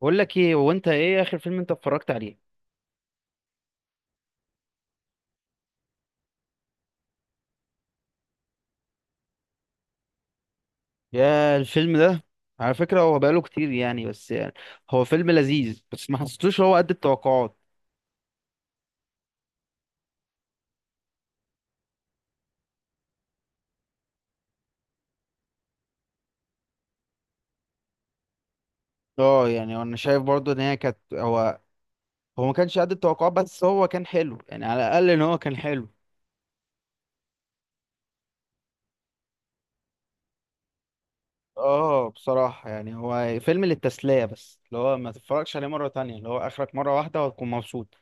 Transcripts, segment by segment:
بقول لك ايه، هو انت ايه اخر فيلم انت اتفرجت عليه؟ يا الفيلم ده. على فكرة هو بقاله كتير يعني، بس يعني هو فيلم لذيذ، بس ما حسيتوش هو قد التوقعات. اه يعني انا شايف برضو ان هي كانت هو ما كانش قد التوقعات، بس هو كان حلو يعني، على الاقل ان هو كان حلو. اه بصراحة يعني هو فيلم للتسلية، بس اللي هو ما تتفرجش عليه مرة تانية، اللي هو اخرك مرة واحدة وهتكون مبسوط.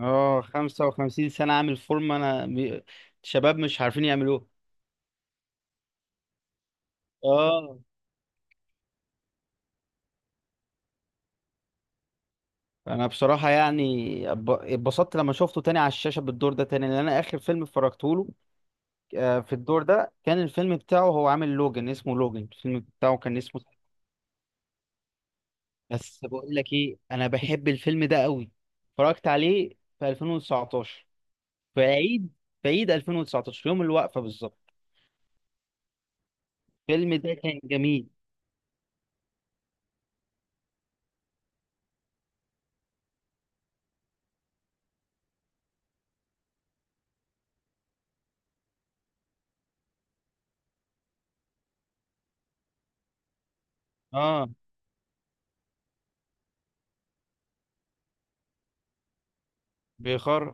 اه 55 سنة عامل فورمة، شباب مش عارفين يعملوه. اه انا بصراحه يعني اتبسطت لما شفته تاني على الشاشه بالدور ده تاني، لان انا اخر فيلم اتفرجت له آه، في الدور ده كان الفيلم بتاعه، هو عامل لوجن اسمه لوجن، الفيلم بتاعه كان اسمه. بس بقول لك ايه، انا بحب الفيلم ده قوي، اتفرجت عليه في 2019، في عيد في عيد 2019 يوم الوقفه بالظبط. الفيلم ده كان جميل. اه بيخر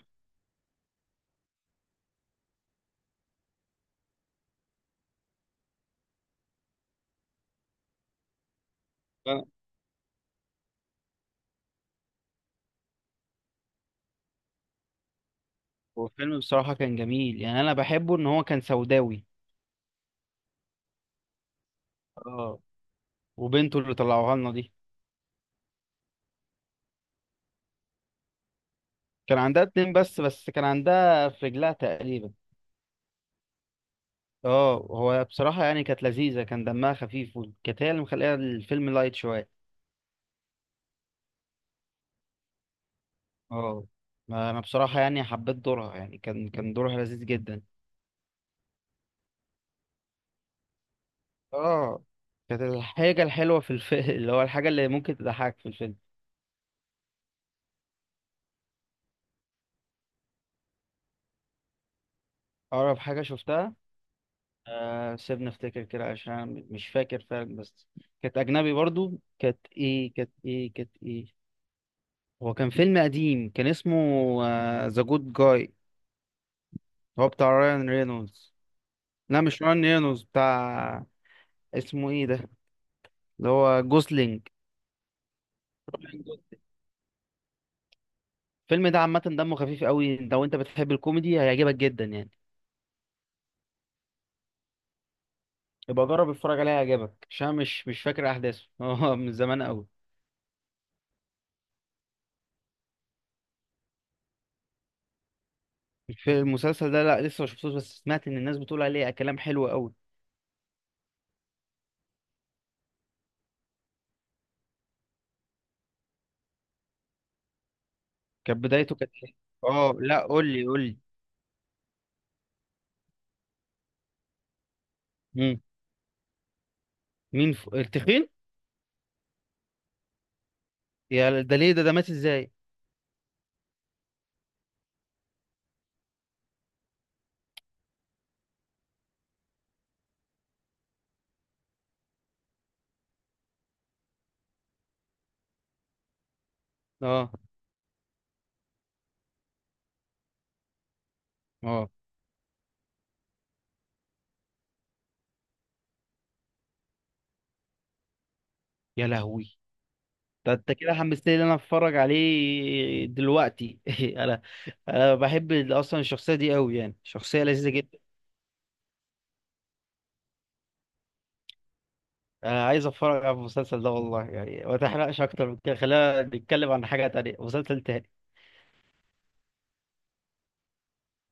هو الفيلم بصراحه كان جميل يعني، انا بحبه ان هو كان سوداوي. اه، وبنته اللي طلعوها لنا دي كان عندها اتنين بس، كان عندها في رجلها تقريبا. اه هو بصراحة يعني كانت لذيذة، كان دمها خفيف، وكانت هي اللي مخليها الفيلم لايت شوية. اه، ما انا بصراحة يعني حبيت دورها، يعني كان دورها لذيذ جدا. اه كانت الحاجة الحلوة في الفيلم اللي هو الحاجة اللي ممكن تضحك في الفيلم. أقرب حاجة شفتها، آه، سيبني أفتكر كده عشان أنا مش فاكر فعلا، بس كانت أجنبي برضو. كانت إيه؟ هو كان فيلم قديم، كان اسمه ذا جود جاي، هو بتاع رايان رينولدز. لا مش رايان رينولدز، بتاع اسمه ايه ده، اللي هو جوسلينج. الفيلم ده عامة دمه خفيف قوي، لو انت بتحب الكوميدي هيعجبك جدا يعني. يبقى جرب اتفرج عليه، هيعجبك، عشان أنا مش فاكر احداثه هو من زمان قوي. في المسلسل ده، لا لسه ما شفتوش، بس سمعت ان الناس بتقول عليه كلام حلو قوي. كانت بدايته كانت إيه؟ اه لا، قول لي قول لي. مم. مين التخين؟ يا، ده ليه؟ ده مات ازاي؟ اه. اه، يا لهوي، ده انت كده حمستني ان انا اتفرج عليه دلوقتي انا انا بحب اصلا الشخصيه دي قوي يعني، شخصيه لذيذه جدا. انا عايز اتفرج على المسلسل ده والله يعني، ما تحرقش اكتر من كده، خلينا نتكلم عن حاجه تانية، مسلسل تاني.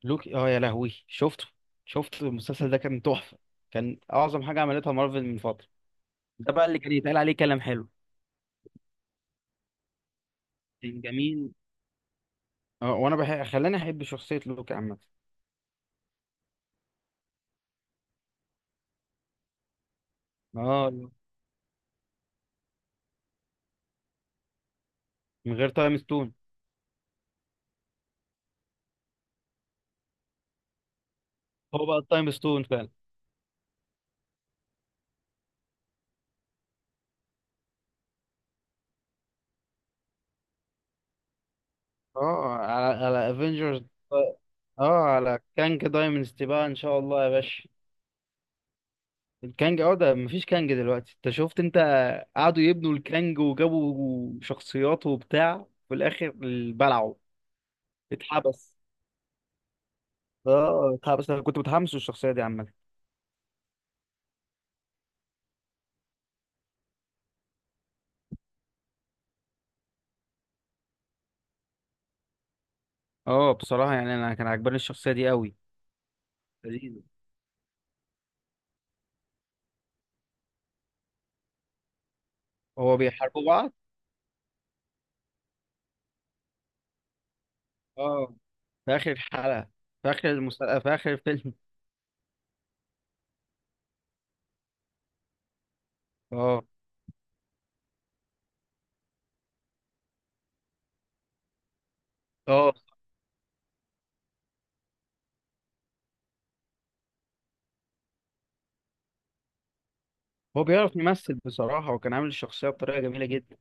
لوكي، اه يا لهوي، شفته، شفت المسلسل ده، كان تحفه، كان اعظم حاجه عملتها مارفل من فتره. ده بقى اللي كان يتقال عليه كلام حلو. كان جميل. اه وانا بحب، خلاني احب شخصيه لوكي عامه. اه، من غير تايم ستون. هو بقى التايم ستون فعلا. اه، على افنجرز. اه، على كانج دايمنستي بقى، ان شاء الله يا باشا. الكانج، اه، ده مفيش كانج دلوقتي، انت شفت انت قعدوا يبنوا الكانج، وجابوا شخصيات وبتاع، في الاخر بلعوا. اتحبس. اه اتحبس، انا كنت متحمس للشخصيه دي عامه. اه بصراحه يعني انا كان عجباني الشخصيه دي قوي. لذيذة. هو بيحاربوا بعض. اه، في اخر الحلقه، في اخر المسلسل، في اخر الفيلم. اه. اه، هو بيعرف يمثل بصراحه، وكان عامل الشخصيه بطريقه جميله جدا.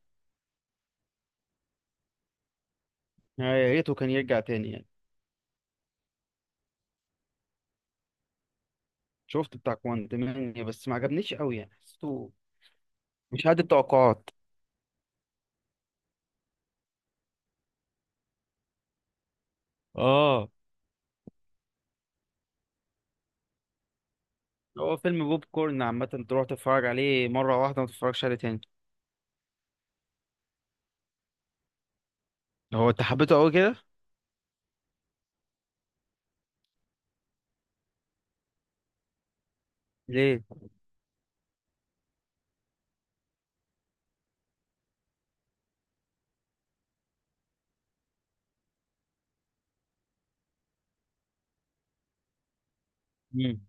يعني يا ريته كان يرجع تاني يعني. شفت بتاع كوانتمانيا، بس ما عجبنيش قوي يعني، حسيته مش قد التوقعات. اه، هو فيلم بوب كورن عامة، تروح تتفرج عليه مرة واحدة، ما تتفرجش عليه تاني. هو انت حبيته قوي كده؟ ليه؟ امم.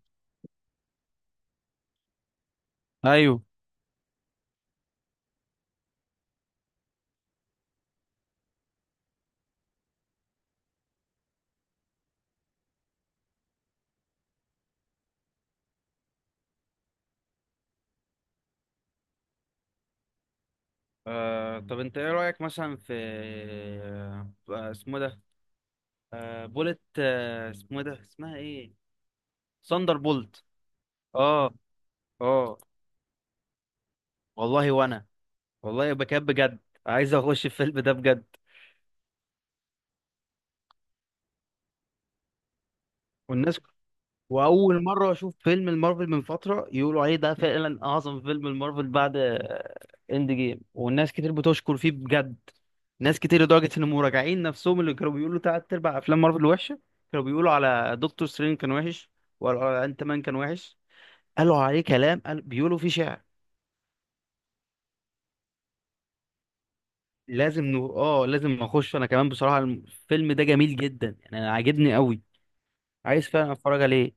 ايوه. آه طب انت ايه رأيك مثلا في، آه اسمه ده، آه بولت، آه اسمه ده، اسمها ايه؟ ثاندر بولت. اه. اه والله، وانا والله بكاب بجد، عايز اخش الفيلم ده بجد. والناس، واول مره اشوف فيلم المارفل من فتره يقولوا عليه ده فعلا اعظم فيلم المارفل بعد اند جيم، والناس كتير بتشكر فيه بجد، ناس كتير لدرجه ان مراجعين نفسهم اللي كانوا بيقولوا تلات ارباع افلام مارفل وحشه، كانوا بيقولوا على دكتور سترينج كان وحش، وقالوا على انت مان كان وحش، قالوا عليه كلام، قال بيقولوا فيه شعر. اه لازم اخش انا كمان بصراحه، الفيلم ده جميل جدا يعني، انا عاجبني قوي. عايز فعلا اتفرج عليه.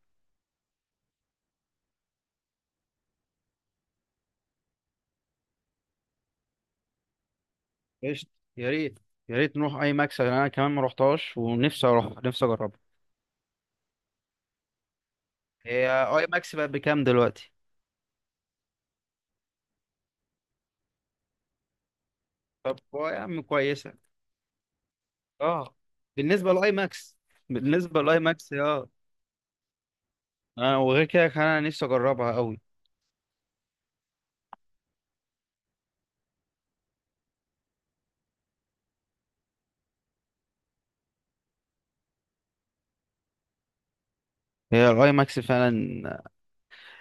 قشطة. يا ريت يا ريت نروح اي ماكس، لأن انا كمان ما روحتهاش، ونفسي اروح نفسي اجربها. هي اي ماكس بقت بكام دلوقتي؟ طب يا عم كويسه. اه بالنسبه لاي ماكس بالنسبه لاي ماكس اه. انا وغير كده، كان انا نفسي اجربها قوي. هي الاي ماكس فعلا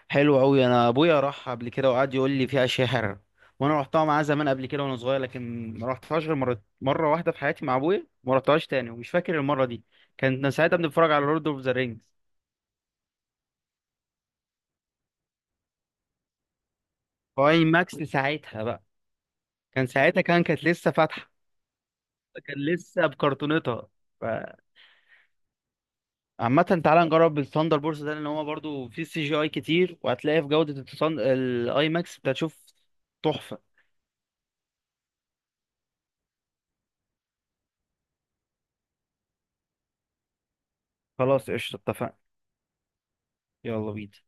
حلوه قوي، انا ابويا راح قبل كده وقعد يقول لي فيها اشياء حلوه، وانا رحتها معاه زمان قبل كده وانا صغير، لكن ما رحتهاش غير مره واحده في حياتي مع ابويا، ما رحتهاش تاني، ومش فاكر المره دي. كان ساعتها بنتفرج على لورد اوف ذا رينجز، واي ماكس ساعتها بقى كانت لسه فاتحه، كان لسه بكرتونتها. ف- عامة تعالى نجرب الثاندر بورس ده، لان هو برضو فيه سي جي اي كتير، وهتلاقي في جودة الاي ماكس انت هتشوف تحفة. خلاص قشطة اتفقنا. يلا بينا.